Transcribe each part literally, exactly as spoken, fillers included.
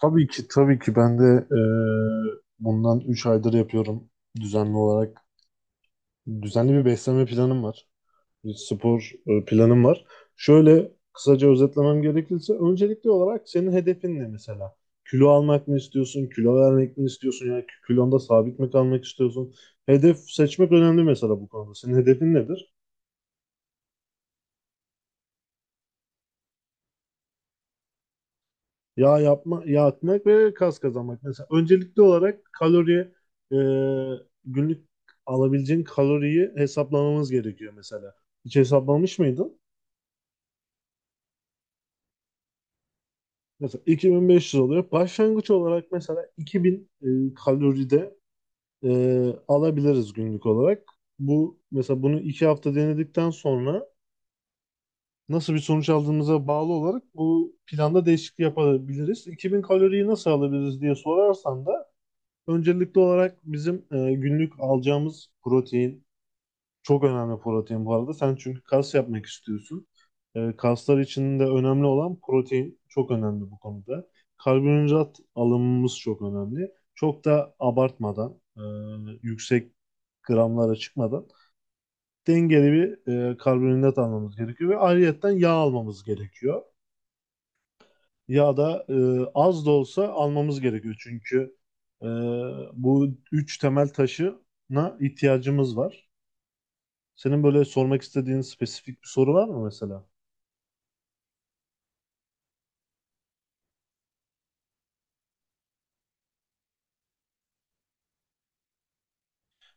Tabii ki tabii ki ben de e, bundan üç aydır yapıyorum düzenli olarak. Düzenli bir beslenme planım var. Bir spor e, planım var. Şöyle kısaca özetlemem gerekirse, öncelikli olarak senin hedefin ne mesela? Kilo almak mı istiyorsun? Kilo vermek mi istiyorsun? Yani kilonda sabit mi kalmak istiyorsun? Hedef seçmek önemli mesela bu konuda. Senin hedefin nedir? Yağ yapma, yağ atmak ve kas kazanmak. Mesela öncelikli olarak kalori, e, günlük alabileceğin kaloriyi hesaplamamız gerekiyor mesela. Hiç hesaplamış mıydın? Mesela iki bin beş yüz oluyor. Başlangıç olarak mesela iki bin e, kaloride e, alabiliriz günlük olarak. Bu mesela, bunu iki hafta denedikten sonra nasıl bir sonuç aldığımıza bağlı olarak bu planda değişiklik yapabiliriz. iki bin kaloriyi nasıl alabiliriz diye sorarsan da, öncelikli olarak bizim e, günlük alacağımız protein çok önemli, protein bu arada. Sen çünkü kas yapmak istiyorsun. E, kaslar için de önemli olan protein, çok önemli bu konuda. Karbonhidrat alımımız çok önemli. Çok da abartmadan, e, yüksek gramlara çıkmadan dengeli bir e, karbonhidrat almamız gerekiyor ve ayrıyetten yağ almamız gerekiyor, ya da e, az da olsa almamız gerekiyor. Çünkü e, bu üç temel taşına ihtiyacımız var. Senin böyle sormak istediğin spesifik bir soru var mı mesela?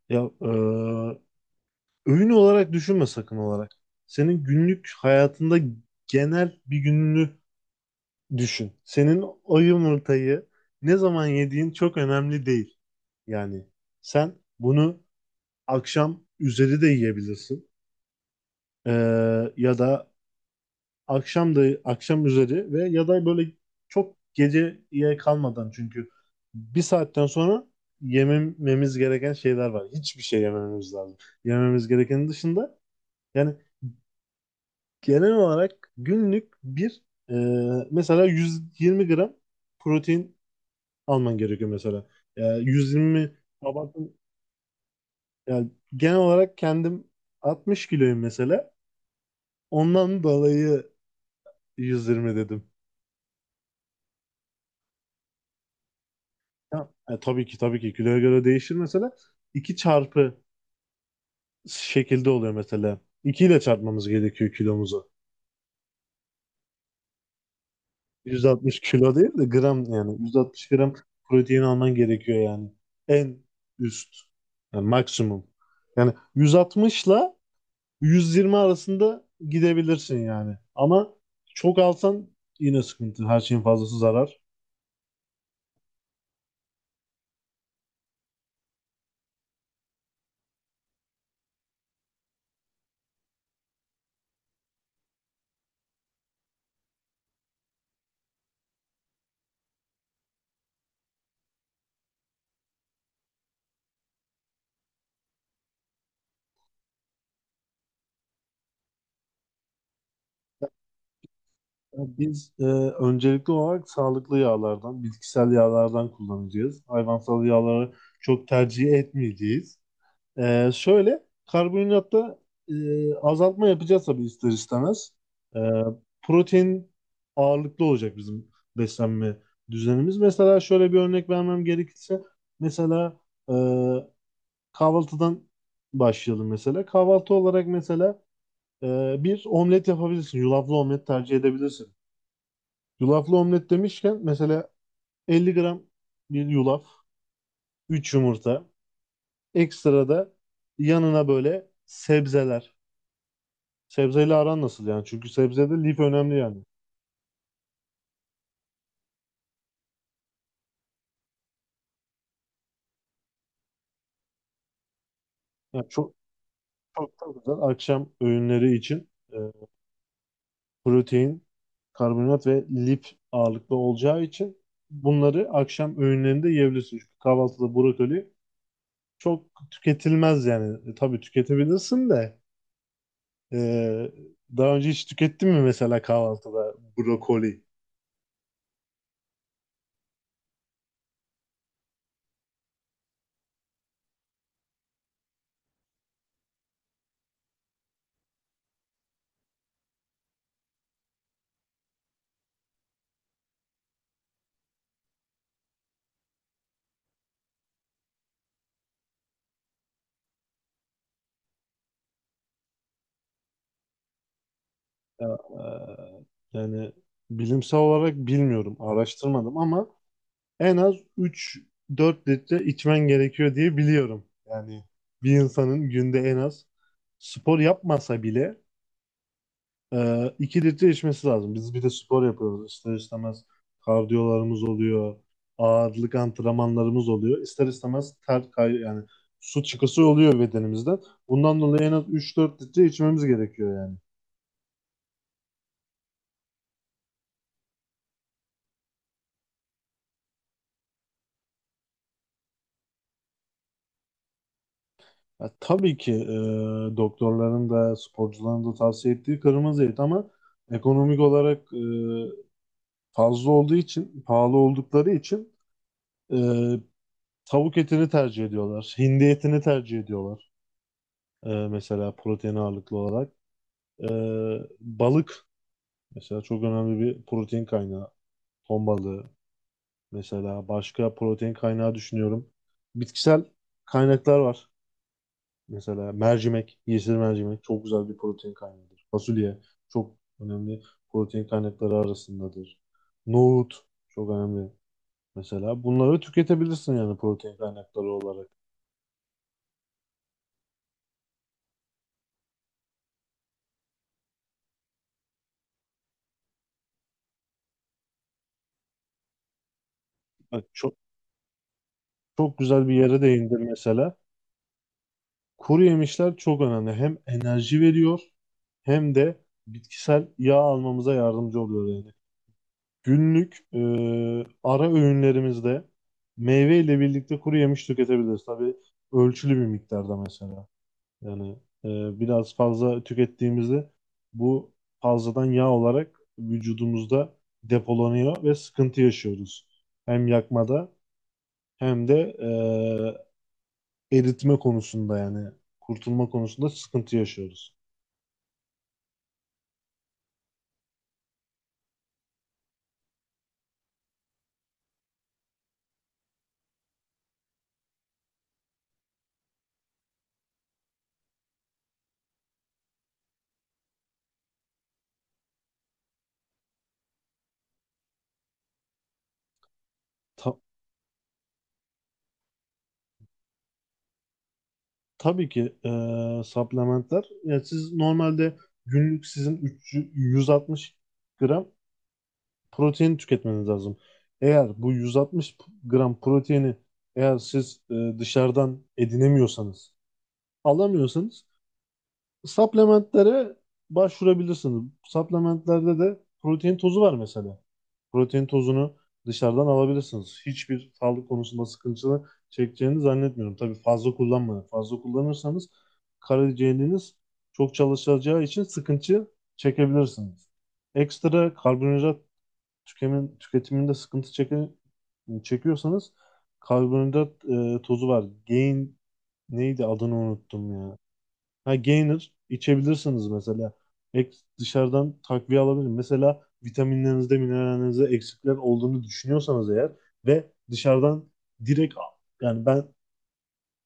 Ya, e, öğün olarak düşünme sakın olarak. Senin günlük hayatında genel bir gününü düşün. Senin o yumurtayı ne zaman yediğin çok önemli değil. Yani sen bunu akşam üzeri de yiyebilirsin. E, Ya da akşam da, akşam üzeri, ve ya da böyle çok geceye kalmadan, çünkü bir saatten sonra yemememiz gereken şeyler var. Hiçbir şey yemememiz lazım. Yememiz gerekenin dışında yani, genel olarak günlük bir e, mesela yüz yirmi gram protein alman gerekiyor mesela. E, yüz yirmi abartım, yani genel olarak kendim altmış kiloyum mesela. Ondan dolayı yüz yirmi dedim. Ya, e, tabii ki tabii ki kiloya göre değişir mesela. iki çarpı şekilde oluyor mesela. iki ile çarpmamız gerekiyor kilomuzu. yüz altmış kilo değil de gram yani. yüz altmış gram protein alman gerekiyor yani. En üst. Yani maksimum. Yani yüz altmış ile yüz yirmi arasında gidebilirsin yani. Ama çok alsan yine sıkıntı. Her şeyin fazlası zarar. Biz e, öncelikli olarak sağlıklı yağlardan, bitkisel yağlardan kullanacağız. Hayvansal yağları çok tercih etmeyeceğiz. E, şöyle, karbonhidratta e, azaltma yapacağız tabii, ister istemez. E, Protein ağırlıklı olacak bizim beslenme düzenimiz. Mesela şöyle bir örnek vermem gerekirse, mesela, e, kahvaltıdan başlayalım mesela. Kahvaltı olarak mesela e, bir omlet yapabilirsin, yulaflı omlet tercih edebilirsin. Yulaflı omlet demişken mesela, elli gram bir yulaf, üç yumurta, ekstra da yanına böyle sebzeler. Sebzeyle aran nasıl yani? Çünkü sebzede lif önemli yani. Yani çok, çok da güzel akşam öğünleri için e, protein, karbonhidrat ve lif ağırlıklı olacağı için bunları akşam öğünlerinde yiyebilirsin. Çünkü kahvaltıda brokoli çok tüketilmez yani. E, tabii tüketebilirsin de. Ee, Daha önce hiç tükettin mi mesela kahvaltıda brokoli? Ya, e, yani bilimsel olarak bilmiyorum, araştırmadım, ama en az üç dört litre içmen gerekiyor diye biliyorum. Yani bir insanın günde en az, spor yapmasa bile, Ee, iki litre içmesi lazım. Biz bir de spor yapıyoruz. İster istemez kardiyolarımız oluyor. Ağırlık antrenmanlarımız oluyor. İster istemez ter kay yani su çıkısı oluyor bedenimizden. Bundan dolayı en az üç dört litre içmemiz gerekiyor yani. Ya, tabii ki e, doktorların da sporcuların da tavsiye ettiği kırmızı et, ama ekonomik olarak e, fazla olduğu için, pahalı oldukları için e, tavuk etini tercih ediyorlar. Hindi etini tercih ediyorlar. Ee, mesela protein ağırlıklı olarak. Ee, balık mesela çok önemli bir protein kaynağı. Ton balığı mesela, başka protein kaynağı düşünüyorum. Bitkisel kaynaklar var. Mesela mercimek, yeşil mercimek çok güzel bir protein kaynağıdır. Fasulye çok önemli protein kaynakları arasındadır. Nohut çok önemli. Mesela bunları tüketebilirsin yani, protein kaynakları olarak. Bak, çok çok güzel bir yere değindin mesela. Kuru yemişler çok önemli. Hem enerji veriyor hem de bitkisel yağ almamıza yardımcı oluyor yani. Günlük e, ara öğünlerimizde meyve ile birlikte kuru yemiş tüketebiliriz. Tabii ölçülü bir miktarda mesela. Yani e, biraz fazla tükettiğimizde bu fazladan yağ olarak vücudumuzda depolanıyor ve sıkıntı yaşıyoruz. Hem yakmada hem de e, eritme konusunda yani, kurtulma konusunda sıkıntı yaşıyoruz. Ta- tabii ki e, supplementler. Yani siz normalde günlük sizin üç yüz altmış gram protein tüketmeniz lazım. Eğer bu yüz altmış gram proteini eğer siz e, dışarıdan edinemiyorsanız, alamıyorsanız, supplementlere başvurabilirsiniz. Supplementlerde de protein tozu var mesela. Protein tozunu dışarıdan alabilirsiniz. Hiçbir sağlık konusunda sıkıntı çekeceğini zannetmiyorum. Tabii fazla kullanmayın. Fazla kullanırsanız karaciğeriniz çok çalışacağı için sıkıntı çekebilirsiniz. Ekstra karbonhidrat tükemin, tüketiminde sıkıntı çeke- çekiyorsanız, karbonhidrat e, tozu var. Gain, neydi adını unuttum ya. Ha, gainer içebilirsiniz mesela. Ek, dışarıdan takviye alabilir. Mesela vitaminlerinizde, minerallerinizde eksikler olduğunu düşünüyorsanız eğer, ve dışarıdan direkt al- yani ben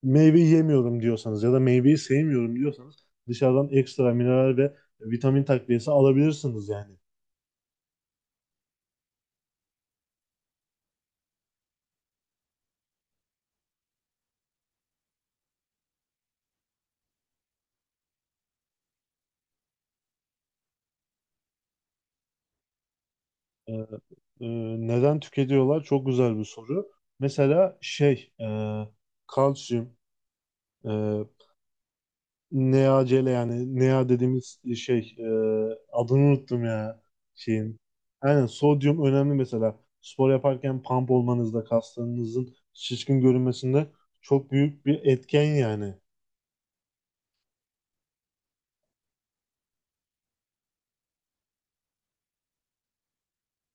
meyve yemiyorum diyorsanız ya da meyveyi sevmiyorum diyorsanız, dışarıdan ekstra mineral ve vitamin takviyesi alabilirsiniz yani. Ee, e, Neden tüketiyorlar? Çok güzel bir soru. Mesela şey, e, kalsiyum, e, NeaCele yani Nea dediğimiz şey, e, adını unuttum ya şeyin. Aynen, sodyum önemli mesela. Spor yaparken pump olmanızda, kaslarınızın şişkin görünmesinde çok büyük bir etken yani.